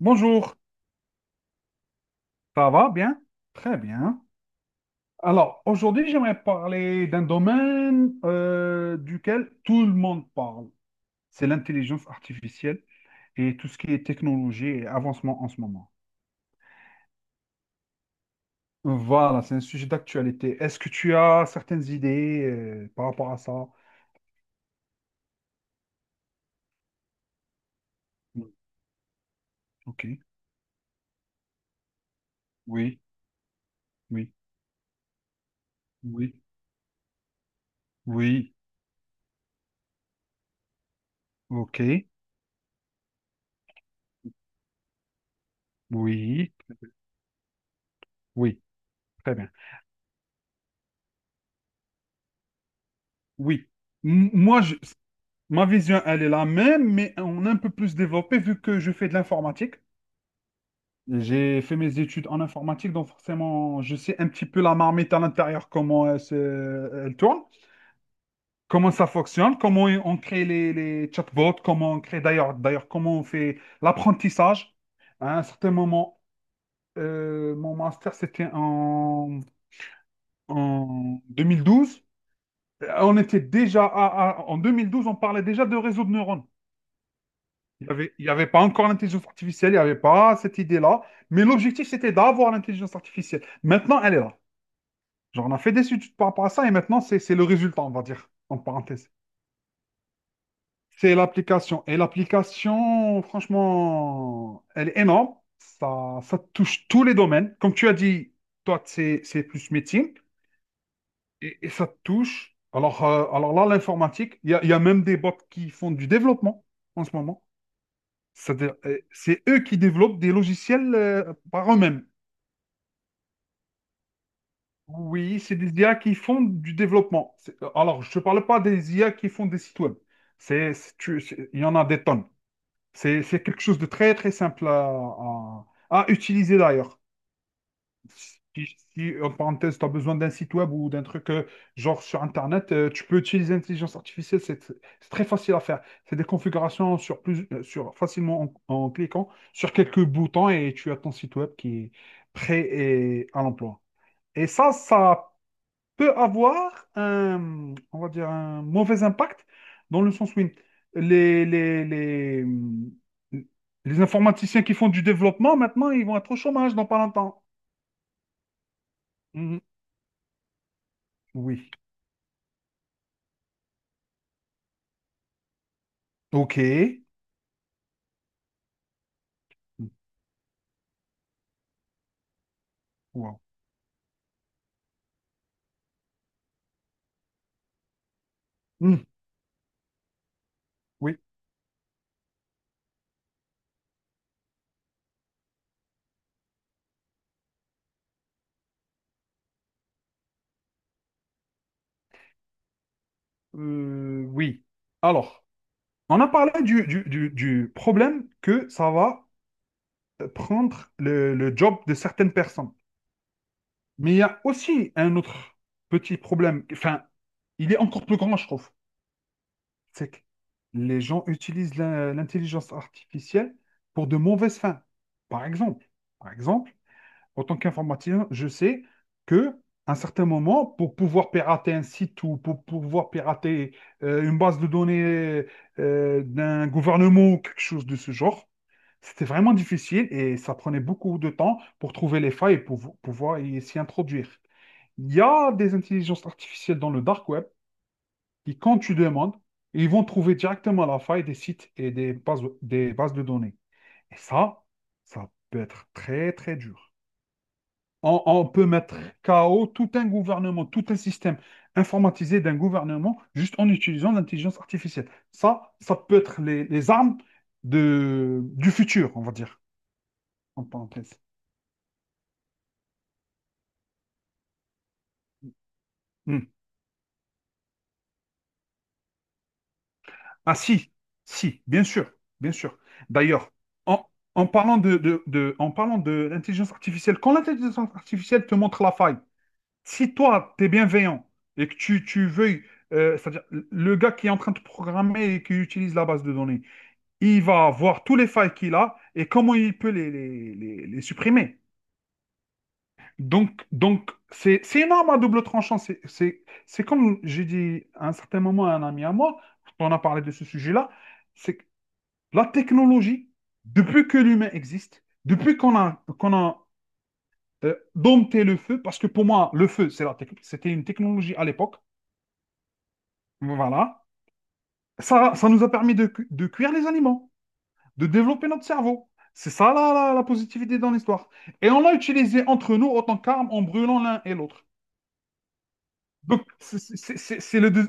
Bonjour, ça va bien? Très bien. Alors, aujourd'hui, j'aimerais parler d'un domaine duquel tout le monde parle. C'est l'intelligence artificielle et tout ce qui est technologie et avancement en ce moment. Voilà, c'est un sujet d'actualité. Est-ce que tu as certaines idées par rapport à ça? Oui. Ok. Oui, oui, oui, oui. Ok. Oui, oui. Très bien. Oui. Moi, ma vision, elle est la même, mais on a un peu plus développé vu que je fais de l'informatique. J'ai fait mes études en informatique, donc forcément, je sais un petit peu la marmite à l'intérieur, comment elle, elle tourne, comment ça fonctionne, comment on crée les chatbots, comment on crée d'ailleurs, comment on fait l'apprentissage. À un certain moment, mon master, c'était en en 2012. On était déjà en 2012, on parlait déjà de réseau de neurones. Il n'y avait, il y avait pas encore l'intelligence artificielle, il n'y avait pas cette idée-là. Mais l'objectif, c'était d'avoir l'intelligence artificielle. Maintenant, elle est là. Genre, on a fait des études par rapport à ça et maintenant, c'est le résultat, on va dire, en parenthèse. C'est l'application. Et l'application, franchement, elle est énorme. Ça touche tous les domaines. Comme tu as dit, toi, c'est plus métier et ça touche. Alors là, l'informatique, il y a même des bots qui font du développement en ce moment. C'est-à-dire, c'est eux qui développent des logiciels par eux-mêmes. Oui, c'est des IA qui font du développement. Alors, je ne parle pas des IA qui font des sites web. Il y en a des tonnes. C'est quelque chose de très, très simple à utiliser d'ailleurs. Si, si, en parenthèse, tu as besoin d'un site web ou d'un truc genre sur Internet, tu peux utiliser l'intelligence artificielle, c'est très facile à faire. C'est des configurations sur plus, sur, facilement en cliquant sur quelques boutons et tu as ton site web qui est prêt et à l'emploi. Et ça peut avoir un, on va dire, un mauvais impact dans le sens où les, les, les, les informaticiens qui font du développement, maintenant, ils vont être au chômage dans pas longtemps. Mhm. Oui. Ok. Wow. Hmm. Oui. Oui. Alors, on a parlé du problème que ça va prendre le job de certaines personnes. Mais il y a aussi un autre petit problème. Enfin, il est encore plus grand, je trouve. C'est que les gens utilisent l'intelligence artificielle pour de mauvaises fins. Par exemple, par exemple, en tant qu'informaticien, je sais que à un certain moment, pour pouvoir pirater un site ou pour pouvoir pirater une base de données d'un gouvernement ou quelque chose de ce genre, c'était vraiment difficile et ça prenait beaucoup de temps pour trouver les failles et pour pouvoir s'y introduire. Il y a des intelligences artificielles dans le dark web qui, quand tu demandes, ils vont trouver directement la faille des sites et des bases de données. Et ça peut être très, très dur. On peut mettre KO tout un gouvernement, tout un système informatisé d'un gouvernement juste en utilisant l'intelligence artificielle. Ça peut être les armes du futur, on va dire, en parenthèse. Hmm. Ah si, si, bien sûr, bien sûr. D'ailleurs, en, en parlant en parlant de l'intelligence artificielle, quand l'intelligence artificielle te montre la faille, si toi, tu es bienveillant et que tu veuilles, c'est-à-dire le gars qui est en train de programmer et qui utilise la base de données, il va voir tous les failles qu'il a et comment il peut les supprimer. Donc, c'est une arme à double tranchant. C'est comme j'ai dit à un certain moment à un ami à moi, quand on a parlé de ce sujet-là, c'est que la technologie, depuis que l'humain existe, depuis qu'on a dompté le feu, parce que pour moi, le feu, c'est c'était une technologie à l'époque, voilà, ça nous a permis de, de cuire les aliments. De développer notre cerveau. C'est ça la positivité dans l'histoire. Et on l'a utilisé entre nous autant qu'arme en brûlant l'un et l'autre. Donc, c'est les deux,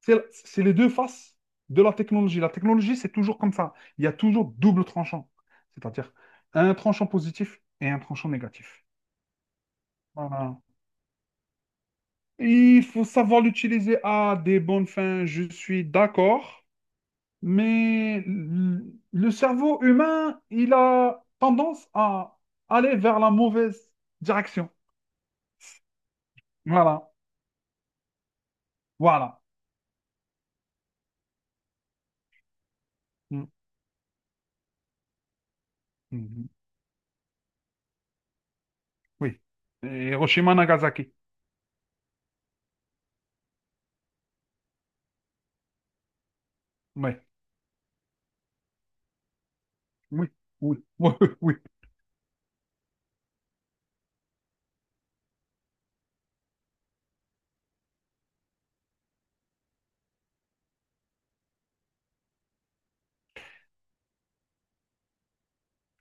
c'est les deux faces de la technologie. La technologie, c'est toujours comme ça. Il y a toujours double tranchant. C'est-à-dire un tranchant positif et un tranchant négatif. Voilà. Il faut savoir l'utiliser à des bonnes fins. Je suis d'accord. Mais le cerveau humain, il a tendance à aller vers la mauvaise direction. Voilà, voilà. Mm, mhm, oui. Et Hiroshima, Nagasaki. Ouais. Oui, oui, oui, oui, oui.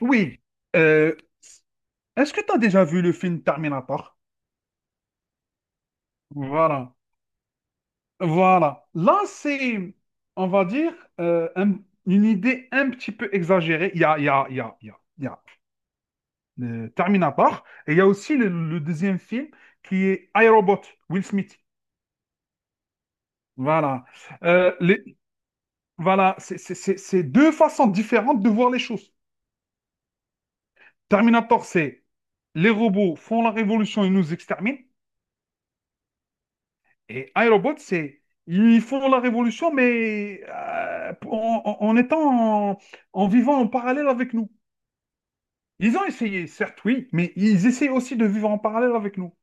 Oui. Euh, est-ce que tu as déjà vu le film Terminator? Voilà, voilà. Là, c'est, on va dire, euh, un- une idée un petit peu exagérée. Il y a, il y a, il y a, il y a, il y a Terminator. Et il y a aussi le deuxième film qui est iRobot, Will Smith. Voilà. Euh, les- voilà, c'est deux façons différentes de voir les choses. Terminator, c'est les robots font la révolution, ils nous exterminent. Et iRobot, c'est ils font la révolution, mais en étant en vivant en parallèle avec nous. Ils ont essayé, certes, oui, mais ils essayent aussi de vivre en parallèle avec nous.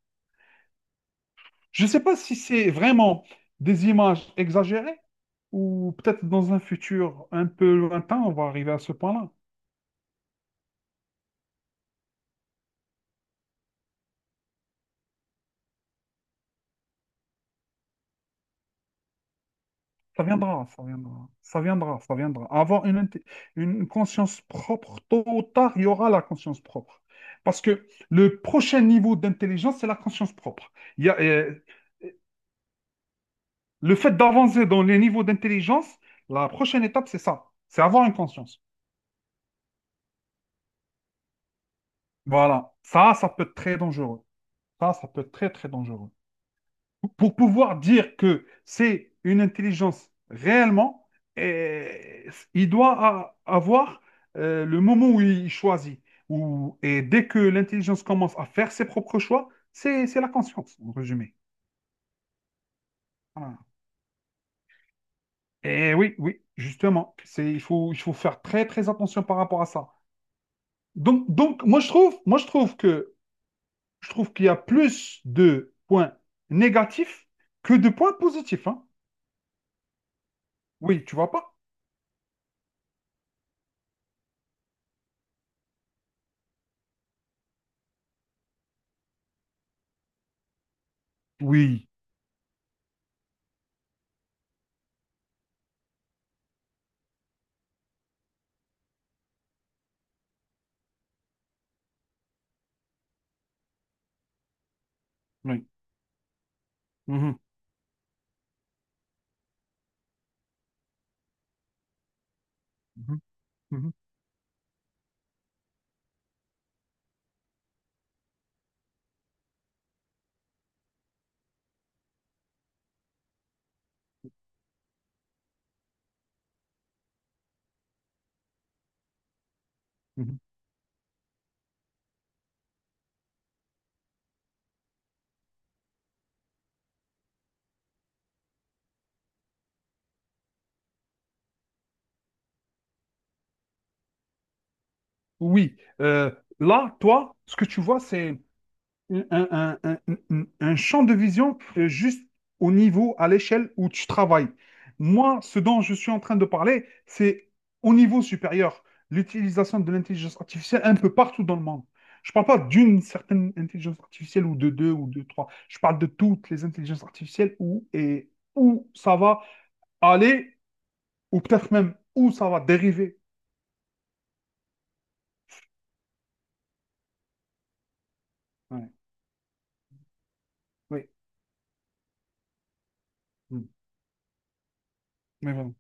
Je ne sais pas si c'est vraiment des images exagérées ou peut-être dans un futur un peu lointain, on va arriver à ce point-là. Ça viendra, ça viendra, ça viendra, ça viendra. Avoir une conscience propre, tôt ou tard, il y aura la conscience propre. Parce que le prochain niveau d'intelligence, c'est la conscience propre. Il y a, le fait d'avancer dans les niveaux d'intelligence, la prochaine étape, c'est ça. C'est avoir une conscience. Voilà. Ça peut être très dangereux. Ça peut être très, très dangereux. Pour pouvoir dire que c'est une intelligence réellement, et il doit avoir le moment où il choisit. Et dès que l'intelligence commence à faire ses propres choix, c'est la conscience, en résumé. Voilà. Et oui, oui, justement, c'est, il faut faire très, très attention par rapport à ça. Donc moi, je trouve que, je trouve qu'il y a plus de points négatifs que de points positifs, hein. Oui, tu vois pas? Oui. Oui. Mhm. Mhm, mhm, mhm. Oui, euh, là, toi, ce que tu vois, c'est un, un- un- un champ de vision juste au niveau, à l'échelle où tu travailles. Moi, ce dont je suis en train de parler, c'est au niveau supérieur, l'utilisation de l'intelligence artificielle un peu partout dans le monde. Je ne parle pas d'une certaine intelligence artificielle ou de deux ou de trois. Je parle de toutes les intelligences artificielles où et où ça va aller ou peut-être même où ça va dériver. Ouais, oui. Mm. Mais voilà.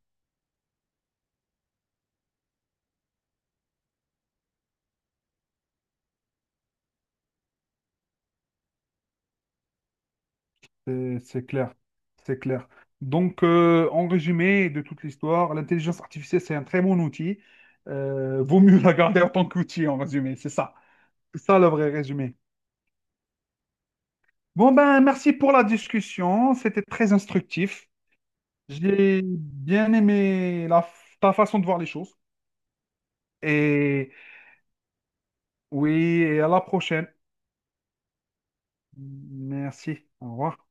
C'est clair, c'est clair. Donc, en résumé de toute l'histoire, l'intelligence artificielle, c'est un très bon outil. Vaut mieux la garder en tant qu'outil, en résumé, c'est ça. C'est ça le vrai résumé. Bon, ben, merci pour la discussion. C'était très instructif. J'ai bien aimé ta façon de voir les choses. Et oui, et à la prochaine. Merci. Au revoir.